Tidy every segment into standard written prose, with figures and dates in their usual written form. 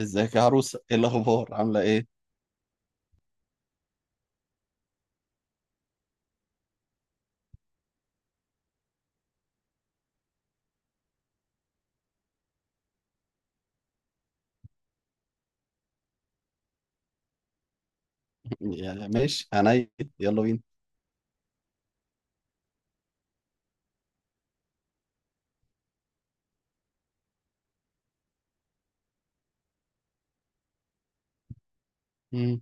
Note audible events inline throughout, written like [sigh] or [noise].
ازيك يا عروسه، ايه الاخبار؟ عامله ايه؟ [laughs] يعني ماشي عينيا. يلا بينا. مم.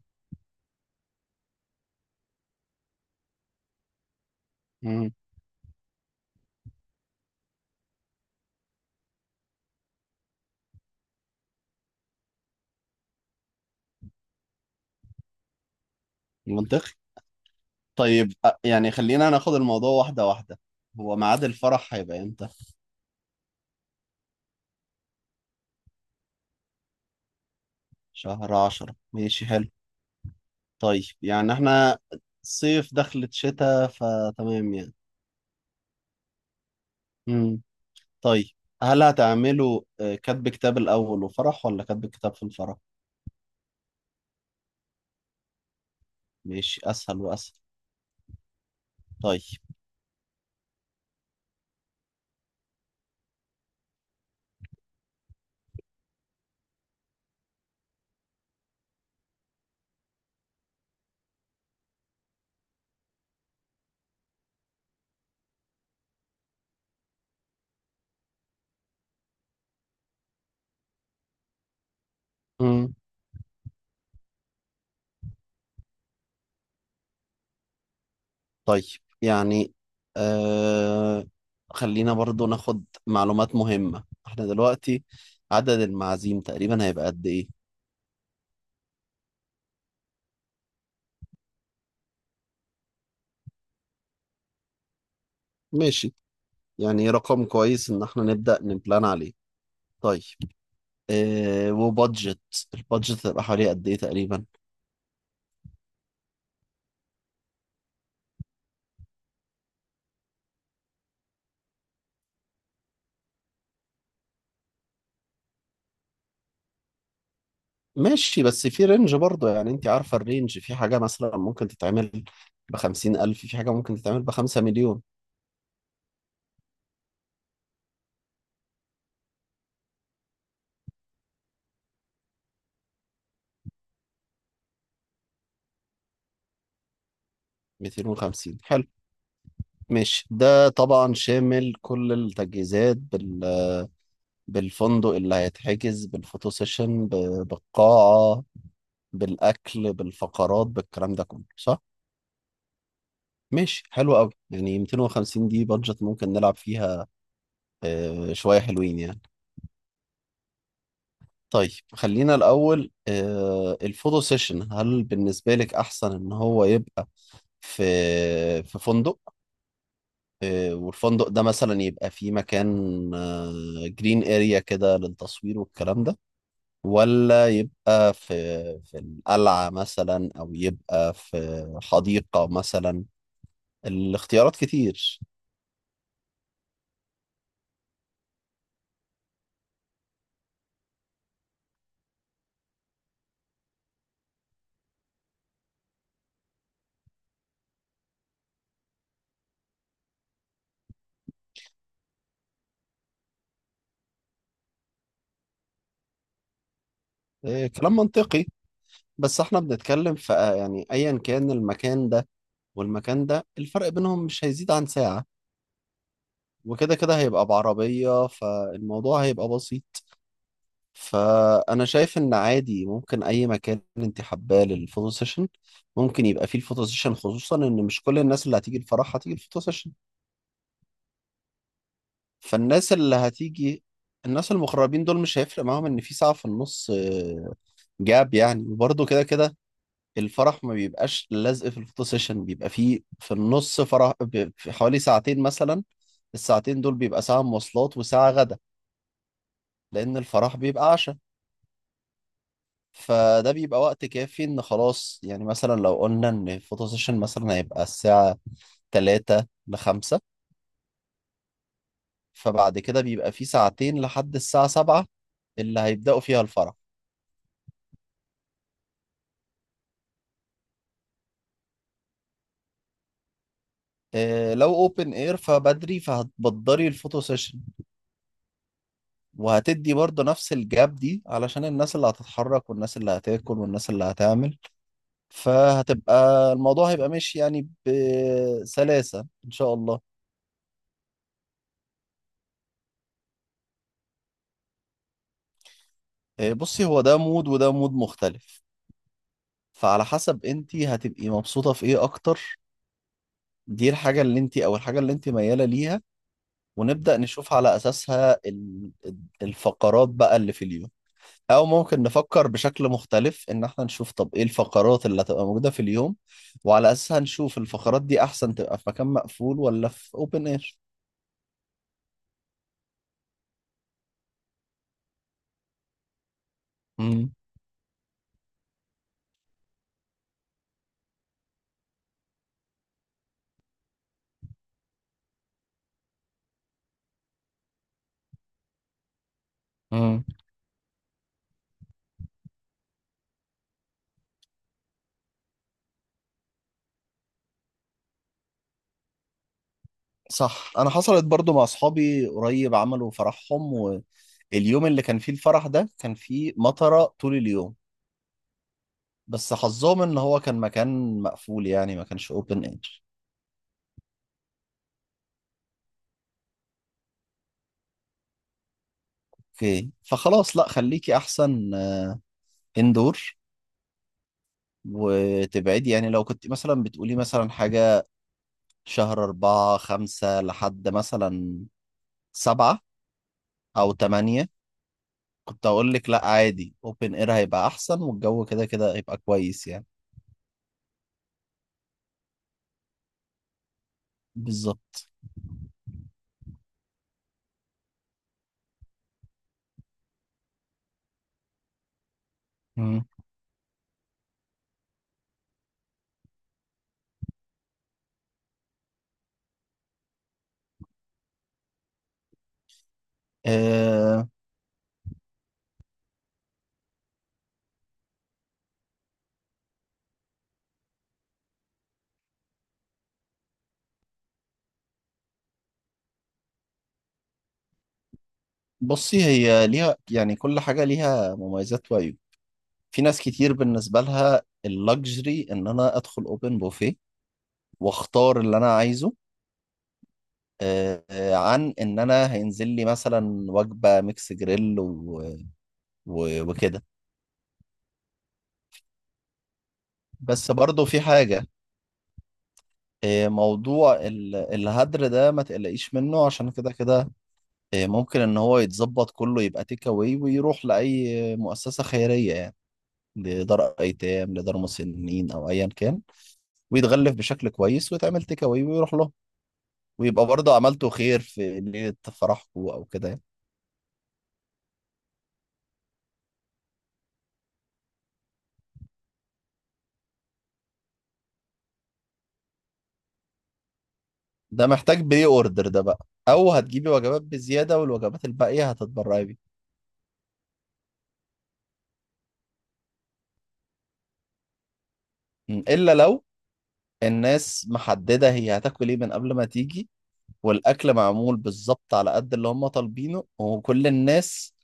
مم. منطقي. طيب يعني خلينا ناخد الموضوع واحده واحده. هو ميعاد الفرح هيبقى امتى؟ شهر عشرة ماشي حلو. طيب يعني احنا صيف دخلت شتاء فتمام يعني. مم. طيب، هل هتعملوا كتب كتاب الاول وفرح، ولا كتب كتاب في الفرح؟ ماشي، اسهل واسهل. طيب. مم. طيب يعني آه، خلينا برضو ناخد معلومات مهمة احنا دلوقتي. عدد المعازيم تقريبا هيبقى قد ايه؟ ماشي، يعني رقم كويس ان احنا نبدأ نبلان عليه. طيب، آه، وبادجت، البادجت هتبقى حوالي قد ايه تقريبا؟ ماشي، بس في رينج برضو، يعني انت عارفة الرينج، في حاجة مثلا ممكن تتعمل بخمسين ألف، في حاجة ممكن تتعمل بخمسة مليون. 250 حلو. ماشي، ده طبعا شامل كل التجهيزات بالفندق اللي هيتحجز، بالفوتو سيشن، بالقاعة، بالأكل، بالفقرات، بالكلام ده كله، صح؟ ماشي حلو قوي، يعني 250 دي بادجت ممكن نلعب فيها. آه، شوية حلوين يعني. طيب خلينا الأول آه، الفوتو سيشن، هل بالنسبة لك أحسن إن هو يبقى في في فندق، آه، والفندق ده مثلا يبقى فيه مكان جرين اريا كده للتصوير والكلام ده، ولا يبقى في في القلعة مثلا، أو يبقى في حديقة مثلا؟ الاختيارات كتير. إيه، كلام منطقي. بس احنا بنتكلم في آه، يعني أيا كان المكان ده والمكان ده، الفرق بينهم مش هيزيد عن ساعة، وكده كده هيبقى بعربية فالموضوع هيبقى بسيط. فأنا شايف إن عادي ممكن أي مكان أنت حباه للفوتو سيشن ممكن يبقى فيه الفوتو سيشن، خصوصا إن مش كل الناس اللي هتيجي الفرح هتيجي الفوتو سيشن. فالناس اللي هتيجي، الناس المغربين دول مش هيفرق معاهم ان في ساعة في النص، آه، جاب يعني، وبرضه كده كده الفرح ما بيبقاش لازق في الفوتو سيشن، بيبقى فيه في النص فرح في حوالي ساعتين مثلا. الساعتين دول بيبقى ساعة مواصلات وساعة غدا، لأن الفرح بيبقى عشاء. فده بيبقى وقت كافي، ان خلاص يعني مثلا لو قلنا ان الفوتو سيشن مثلا هيبقى الساعة تلاتة لخمسة، فبعد كده بيبقى فيه ساعتين لحد الساعة سبعة اللي هيبدأوا فيها الفرح. آه، لو اوبن اير فبدري، فهتبدري الفوتو سيشن، وهتدي برضه نفس الجاب دي علشان الناس اللي هتتحرك والناس اللي هتاكل والناس اللي هتعمل. فهتبقى، الموضوع هيبقى ماشي يعني بسلاسة ان شاء الله. آه، بصي، هو ده مود وده مود مختلف، فعلى حسب انت هتبقي مبسوطة في ايه اكتر. دي الحاجة اللي انت، او الحاجة اللي انت ميالة ليها، ونبدأ نشوف على اساسها الفقرات بقى اللي في اليوم. او ممكن نفكر بشكل مختلف، ان احنا نشوف طب ايه الفقرات اللي هتبقى موجودة في اليوم، وعلى اساسها نشوف الفقرات دي احسن تبقى في مكان مقفول ولا في اوبن اير. امم. امم. صح، انا حصلت برضو مع اصحابي قريب، عملوا فرحهم واليوم اللي كان فيه الفرح ده كان فيه مطرة طول اليوم، بس حظهم ان هو كان مكان مقفول، يعني ما كانش اوبن اير. اوكي، فخلاص لا خليكي احسن اندور وتبعدي. يعني لو كنت مثلا بتقولي مثلا حاجة شهر أربعة خمسة لحد مثلا سبعة أو تمانية، كنت أقول لك لأ عادي، أوبن إير هيبقى أحسن والجو كده كده هيبقى كويس يعني. بالظبط. مم. أه، بصي، هي ليها يعني، كل حاجة ليها مميزات وعيوب. في ناس كتير بالنسبة لها اللكجري إن أنا أدخل أوبن بوفيه وأختار اللي أنا عايزه، أه آه، عن إن أنا هينزل لي مثلا وجبة ميكس جريل وكده. بس برضه في حاجة، إيه، موضوع الهدر ده ما تقلقيش منه، عشان كده كده إيه، ممكن ان هو يتظبط كله يبقى تيك اواي ويروح لاي مؤسسه خيريه يعني، لدار ايتام، لدار مسنين، او ايا كان، ويتغلف بشكل كويس ويتعمل تيك اواي ويروح له، ويبقى برضه عملته خير في ليله فرحكم او كده يعني. ده محتاج بري اوردر ده بقى، او هتجيبي وجبات بزياده والوجبات الباقيه هتتبرعي بيها. م، الا لو الناس محدده هي هتاكل ايه من قبل ما تيجي، والاكل معمول بالظبط على قد اللي هم طالبينه، وكل الناس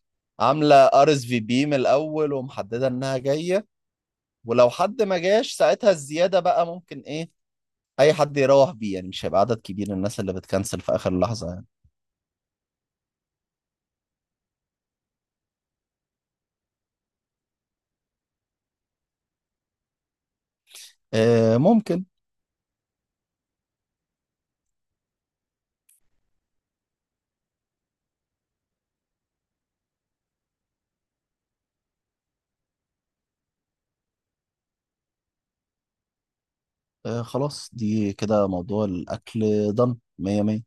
عامله ار اس في بي من الاول ومحدده انها جايه. ولو حد ما جاش ساعتها الزياده بقى ممكن ايه، اي حد يروح بيه يعني، مش هيبقى عدد كبير الناس اللي بتكنسل في اخر لحظه يعني. آه، ممكن. آه، خلاص دي كده موضوع الاكل، ضن مية مية.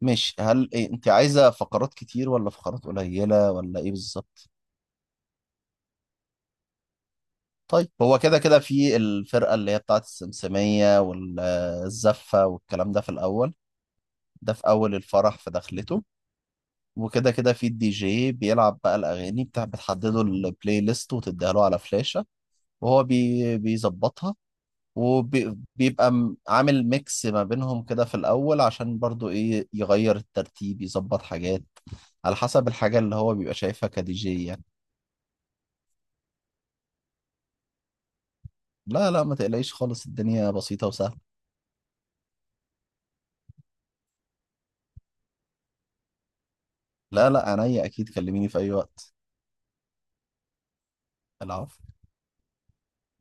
ماشي، هل إيه، انت عايزه فقرات كتير ولا فقرات قليله ولا ايه بالظبط؟ طيب هو كده كده في الفرقة اللي هي بتاعت السمسمية والزفة والكلام ده في الأول، ده في أول الفرح في دخلته، وكده كده في الدي جي بيلعب بقى الأغاني، بتاع بتحدده البلاي ليست وتديها له على فلاشة وهو بي بيظبطها، وبيبقى عامل ميكس ما بينهم كده في الأول، عشان برضو إيه يغير الترتيب، يظبط حاجات على حسب الحاجة اللي هو بيبقى شايفها كدي جي يعني. لا لا، ما تقلقيش خالص، الدنيا بسيطة وسهلة. لا لا عينيا، أكيد كلميني في أي وقت. العفو.